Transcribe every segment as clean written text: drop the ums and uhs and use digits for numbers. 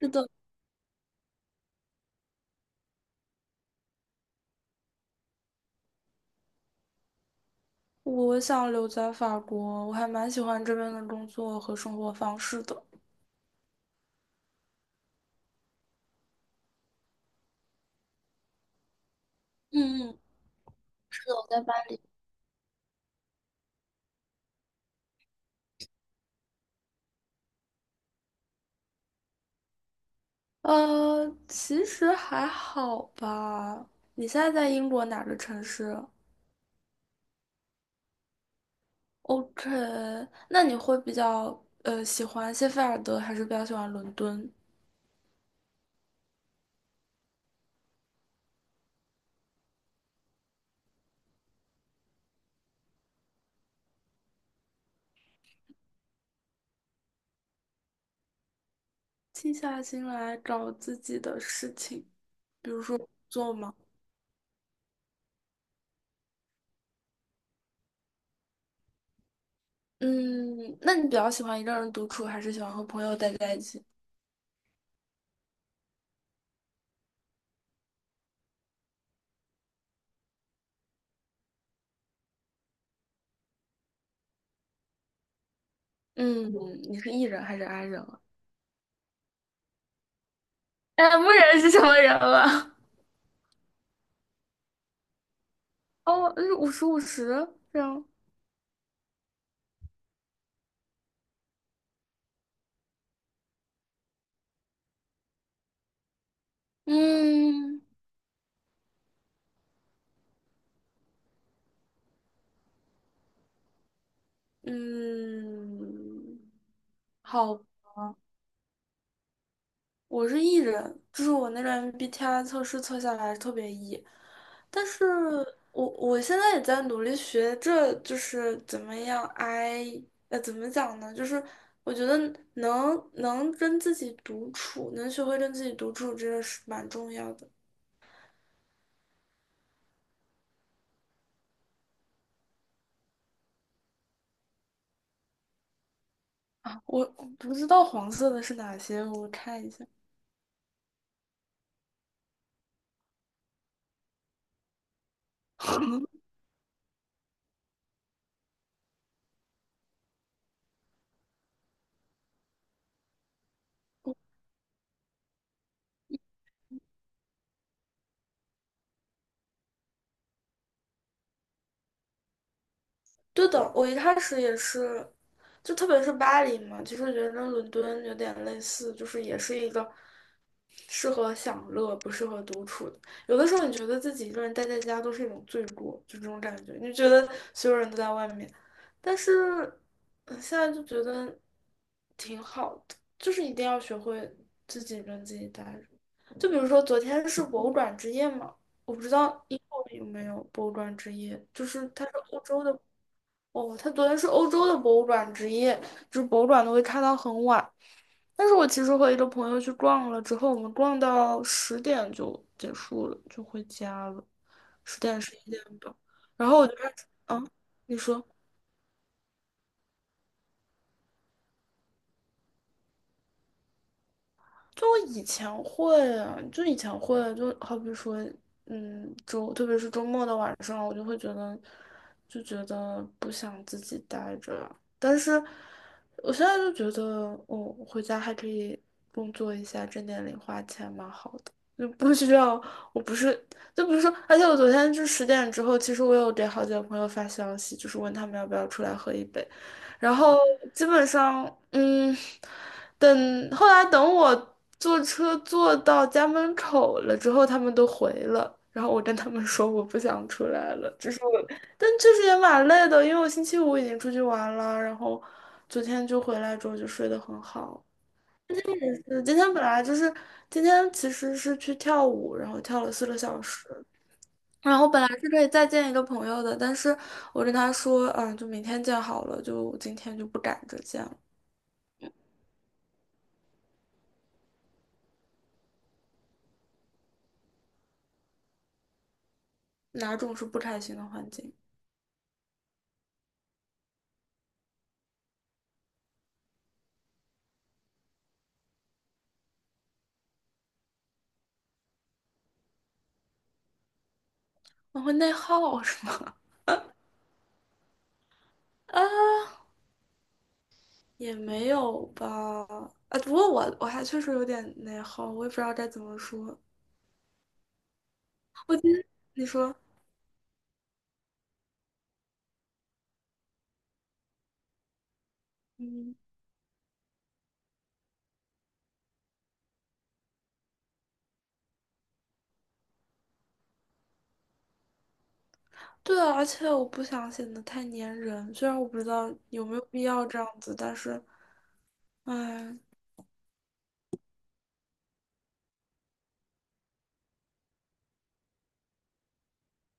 是的，我想留在法国，我还蛮喜欢这边的工作和生活方式的。嗯嗯，是的，我在巴黎。其实还好吧。你现在在英国哪个城市？OK，那你会比较喜欢谢菲尔德，还是比较喜欢伦敦？静下心来找自己的事情，比如说做吗？嗯，那你比较喜欢一个人独处，还是喜欢和朋友待在一起？嗯，你是 E 人还是 I 人啊？哎，牧人是什么人了？哦，是五十五十这样。嗯嗯，好，我是 E 人，就是我那个 MBTI 测试测下来特别 E，但是我现在也在努力学着，就是怎么样 I，怎么讲呢？就是我觉得能跟自己独处，能学会跟自己独处，这个是蛮重要的。我不知道黄色的是哪些，我看一下。对的，我一开始也是，就特别是巴黎嘛，其实觉得跟伦敦有点类似，就是也是一个适合享乐，不适合独处的。有的时候你觉得自己一个人待在家都是一种罪过，就这种感觉，你觉得所有人都在外面，但是现在就觉得挺好的，就是一定要学会自己跟自己待着。就比如说昨天是博物馆之夜嘛，我不知道英国有没有博物馆之夜，就是它是欧洲的。哦，他昨天是欧洲的博物馆之夜，就是博物馆都会开到很晚。但是我其实和一个朋友去逛了之后，我们逛到十点就结束了，就回家了，十点十一点吧。然后我就开始，嗯，你说，就我以前会啊，就以前会，就好比说，嗯，周，特别是周末的晚上，我就会觉得，就觉得不想自己待着但是我现在就觉得，哦，回家还可以工作一下，挣点零花钱，蛮好的。就不需要，我不是，就比如说，而且我昨天就十点之后，其实我有给好几个朋友发消息，就是问他们要不要出来喝一杯。然后基本上，嗯，等后来等我坐车坐到家门口了之后，他们都回了。然后我跟他们说我不想出来了，就是我，但确实也蛮累的，因为我星期五已经出去玩了，然后昨天就回来之后就睡得很好。呃今天本来就是今天其实是去跳舞，然后跳了四个小时。然后本来是可以再见一个朋友的，但是我跟他说，嗯，就明天见好了，就今天就不赶着见了。哪种是不开心的环境？我会内耗是吗？啊 也没有吧。啊，不过我还确实有点内耗，我也不知道该怎么说。我今天你说，嗯，对啊，而且我不想显得太粘人，虽然我不知道有没有必要这样子，但是，哎，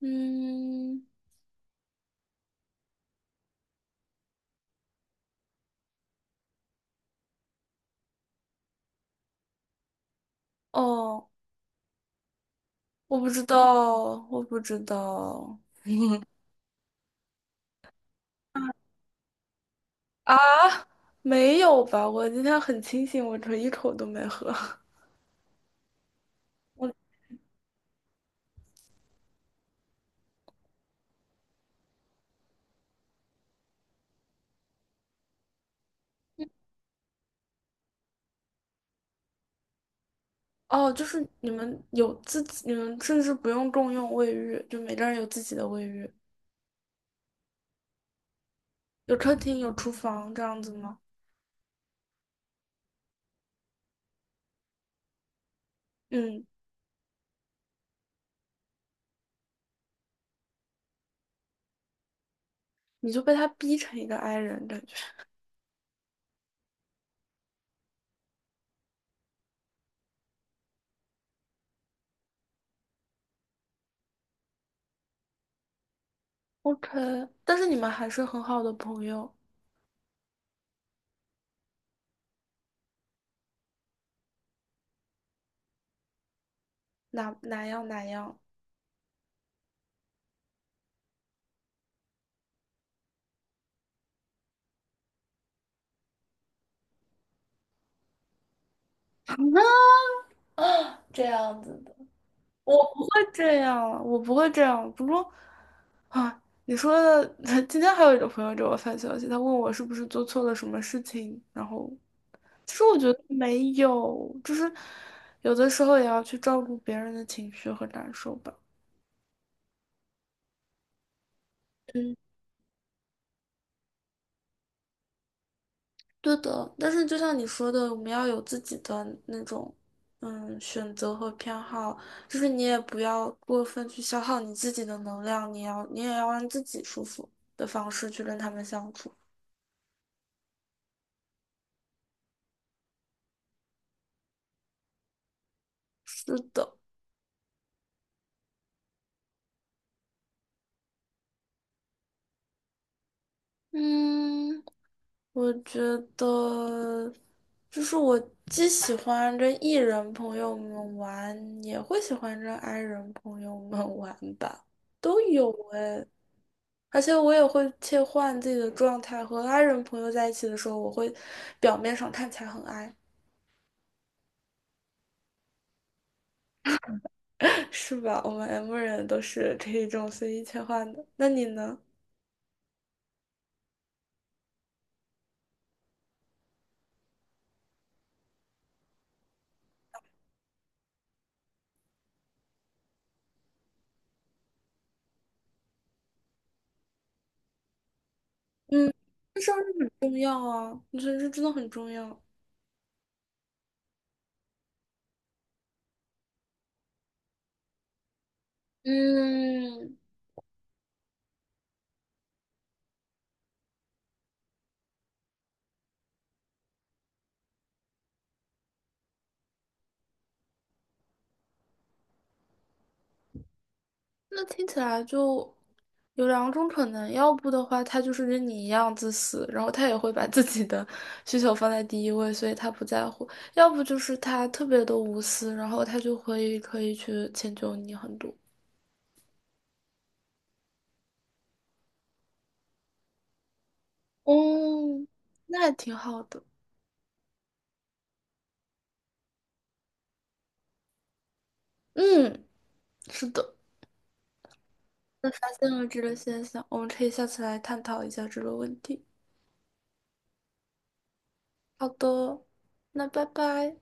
嗯，哦，我不知道，我不知道。啊，没有吧？我今天很清醒，我这一口都没喝。我。哦，就是你们有自己，你们甚至不用共用卫浴，就每个人有自己的卫浴，有客厅，有厨房这样子吗？嗯，你就被他逼成一个 i 人感觉。OK，但是你们还是很好的朋友，哪哪样哪样。这样子的。我不会这样，我不会这样。不过啊，你说的，今天还有一个朋友给我发消息，他问我是不是做错了什么事情，然后其实我觉得没有，就是有的时候也要去照顾别人的情绪和感受吧。嗯，对的，但是就像你说的，我们要有自己的那种，嗯，选择和偏好，就是你也不要过分去消耗你自己的能量，你也要让自己舒服的方式去跟他们相处。是的，嗯。我觉得，就是我既喜欢跟 E 人朋友们玩，也会喜欢跟 I 人朋友们 玩吧，都有哎。而且我也会切换自己的状态，和 I 人朋友在一起的时候，我会表面上看起来很 I，是吧？我们 M 人都是可以这种随意切换的。那你呢？嗯，这事儿很重要啊，我觉得这真的很重要。嗯。那听起来就有两种可能，要不的话，他就是跟你一样自私，然后他也会把自己的 需求放在第一位，所以他不在乎；要不就是他特别的无私，然后他就会可以去迁就你很多。哦，那还挺好的。嗯，是的。那发现了这个现象，我们可以下次来探讨一下这个问题。好的，那拜拜。